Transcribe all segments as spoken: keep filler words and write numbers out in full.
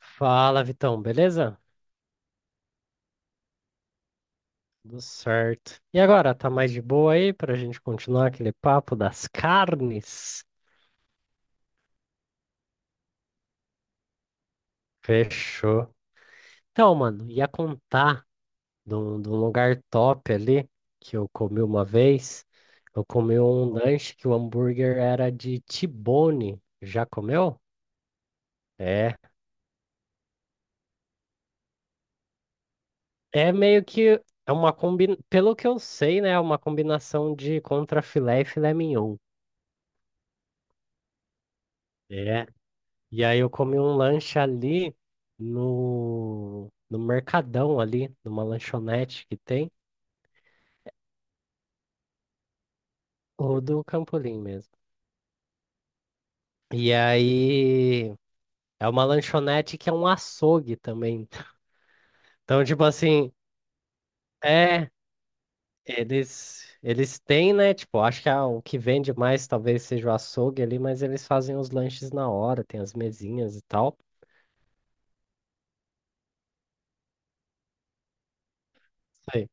Fala, Vitão, beleza? Tudo certo. E agora, tá mais de boa aí pra gente continuar aquele papo das carnes? Fechou. Então, mano, ia contar de um, de um lugar top ali que eu comi uma vez. Eu comi um lanche que o hambúrguer era de T-bone. Já comeu? É. É meio que é uma combina... Pelo que eu sei, né? É uma combinação de contrafilé e filé mignon. É, e aí eu comi um lanche ali no, no Mercadão ali, numa lanchonete que tem, ou do Campolim mesmo. E aí é uma lanchonete que é um açougue também. Então, tipo assim, é, eles eles têm, né? Tipo, acho que ah, o que vende mais talvez seja o açougue ali, mas eles fazem os lanches na hora, tem as mesinhas e tal. Sei.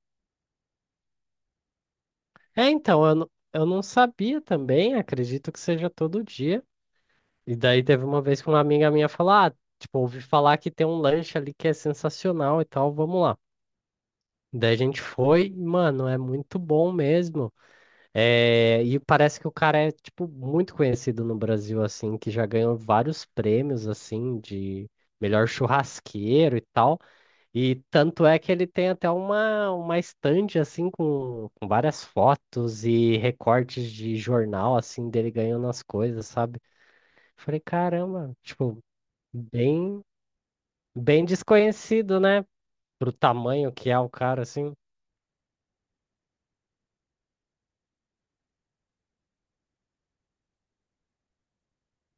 É, então, eu, n- eu não sabia também, acredito que seja todo dia. E daí teve uma vez que uma amiga minha falou, ah, tipo, ouvi falar que tem um lanche ali que é sensacional e tal, vamos lá. Daí a gente foi, e, mano, é muito bom mesmo. É, e parece que o cara é, tipo, muito conhecido no Brasil, assim, que já ganhou vários prêmios, assim, de melhor churrasqueiro e tal. E tanto é que ele tem até uma, uma estande, assim, com, com várias fotos e recortes de jornal, assim, dele ganhando as coisas, sabe? Falei, caramba, tipo, bem, bem desconhecido, né? Pro tamanho que é o cara, assim.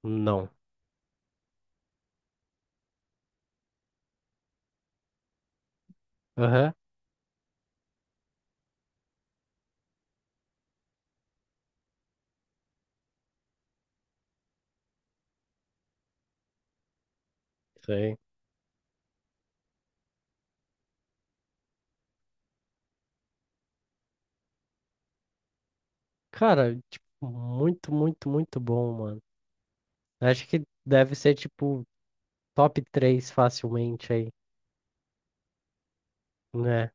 Não. Aham, sei. Cara, tipo, muito, muito, muito bom, mano. Acho que deve ser, tipo, top três facilmente aí, né?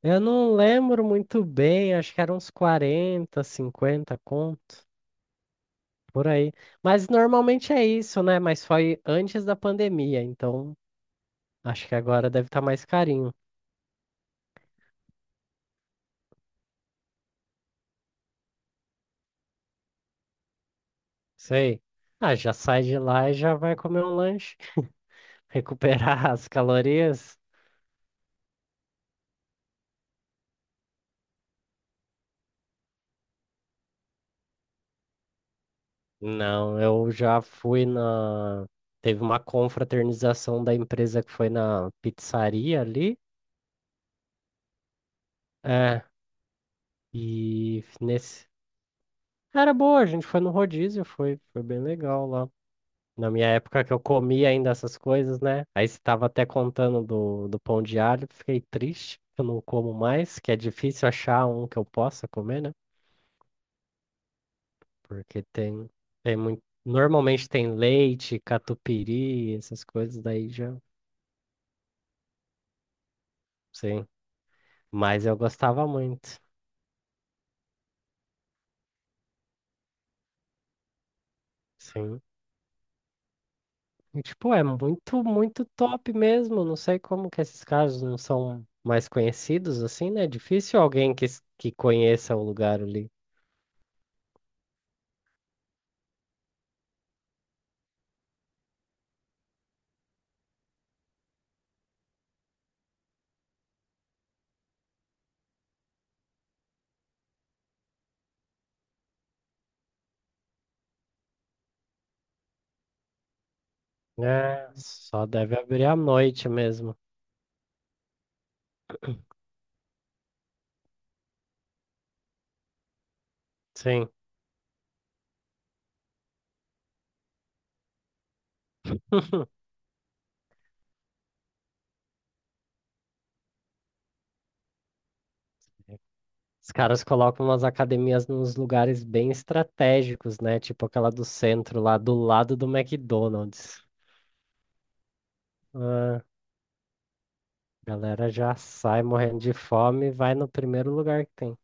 Eu não lembro muito bem, acho que eram uns quarenta cinquenta contos, por aí. Mas normalmente é isso, né? Mas foi antes da pandemia, então acho que agora deve estar mais carinho. Sei. Ah, já sai de lá e já vai comer um lanche. Recuperar as calorias? Não, eu já fui na. Teve uma confraternização da empresa que foi na pizzaria ali. É, e nesse. Era boa, a gente foi no rodízio, foi, foi bem legal lá. Na minha época que eu comia ainda essas coisas, né? Aí você tava até contando do, do pão de alho, fiquei triste, que eu não como mais, que é difícil achar um que eu possa comer, né? Porque tem, tem muito. Normalmente tem leite, catupiry, essas coisas daí já. Sim. Mas eu gostava muito. Sim. E, tipo, é muito, muito top mesmo. Não sei como que esses casos não são mais conhecidos assim, né? É difícil alguém que, s- que conheça o lugar ali. É, só deve abrir à noite mesmo. Sim. Os caras colocam umas academias nos lugares bem estratégicos, né? Tipo aquela do centro lá, do lado do McDonald's. Ah, galera já sai morrendo de fome e vai no primeiro lugar que tem.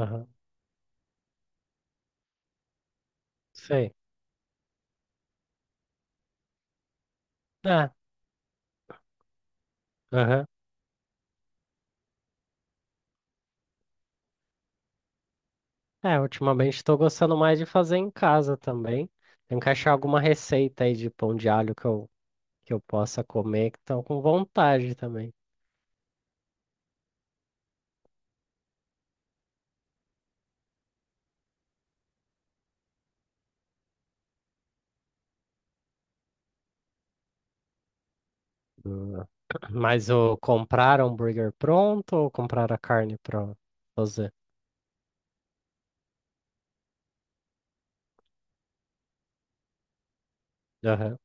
Aham, sei. É, aham. É, ultimamente estou gostando mais de fazer em casa também. Tenho que achar alguma receita aí de pão de alho que eu, que eu possa comer, que estão com vontade também. Hum. Mas o comprar hambúrguer pronto ou comprar a carne para fazer? Aham,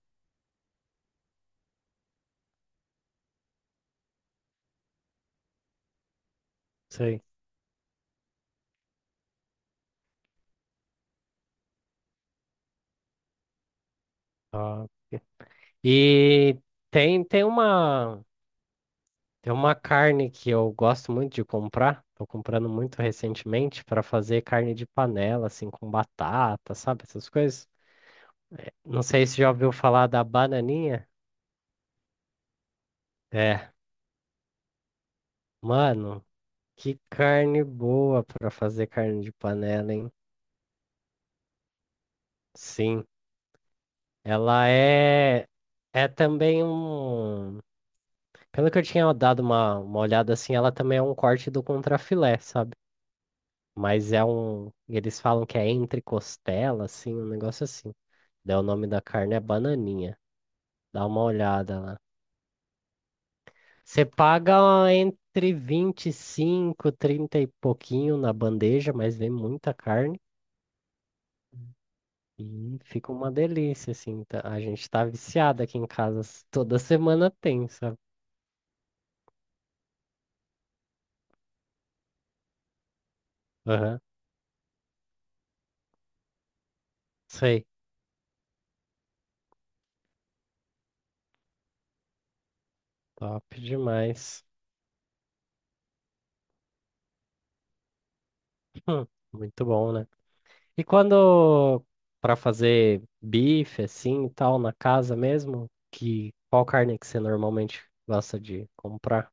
sei. Ah, e tem, tem uma. Tem uma carne que eu gosto muito de comprar, tô comprando muito recentemente para fazer carne de panela, assim, com batata, sabe? Essas coisas. Não sei se já ouviu falar da bananinha. É, mano, que carne boa para fazer carne de panela, hein? Sim, ela é. É também um. Pelo que eu tinha dado uma, uma olhada assim, ela também é um corte do contrafilé, sabe? Mas é um. Eles falam que é entre costela, assim, um negócio assim. Daí o nome da carne é bananinha. Dá uma olhada lá. Você paga entre vinte e cinco, trinta e pouquinho na bandeja, mas vem muita carne e fica uma delícia, assim. tá- A gente tá viciado aqui em casa. s- Toda semana tem, sabe? Aham. Sei. Top demais. Hum, muito bom, né? E quando pra fazer bife, assim, e tal, na casa mesmo, que qual carne que você normalmente gosta de comprar?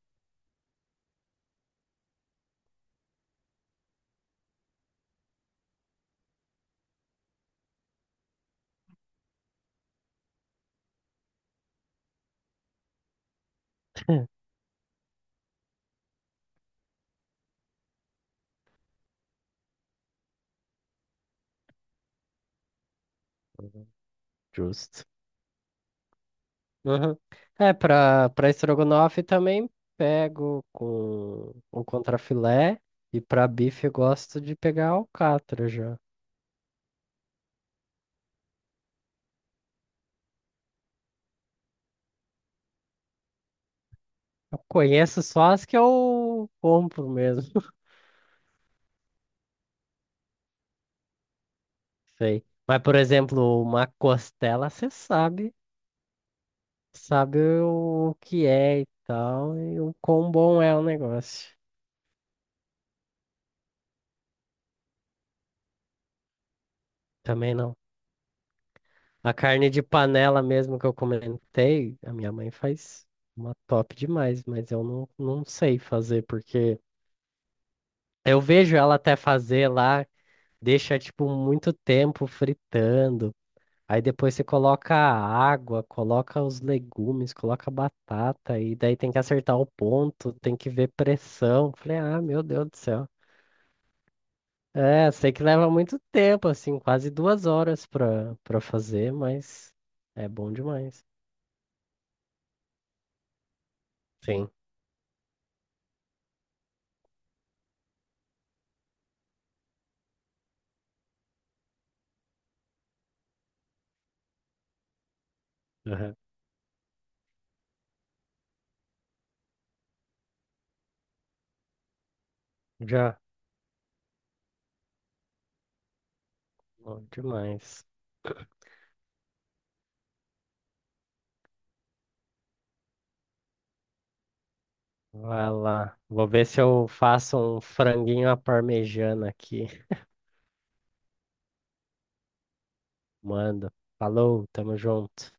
Justo. Uhum. É, pra, pra estrogonofe também pego com o contrafilé e pra bife eu gosto de pegar alcatra já. Eu conheço só as que eu compro mesmo. Sei. Mas, por exemplo, uma costela, você sabe, sabe o que é e tal, e o quão bom é o negócio. Também não. A carne de panela mesmo que eu comentei, a minha mãe faz uma top demais, mas eu não, não sei fazer porque. Eu vejo ela até fazer lá, deixa tipo muito tempo fritando. Aí depois você coloca a água, coloca os legumes, coloca a batata, e daí tem que acertar o ponto, tem que ver pressão. Falei, ah, meu Deus do céu. É, sei que leva muito tempo, assim, quase duas horas pra, pra fazer, mas é bom demais. Sim, aham. Já, bom demais. Vai lá. Vou ver se eu faço um franguinho à parmegiana aqui. Manda. Falou, tamo junto.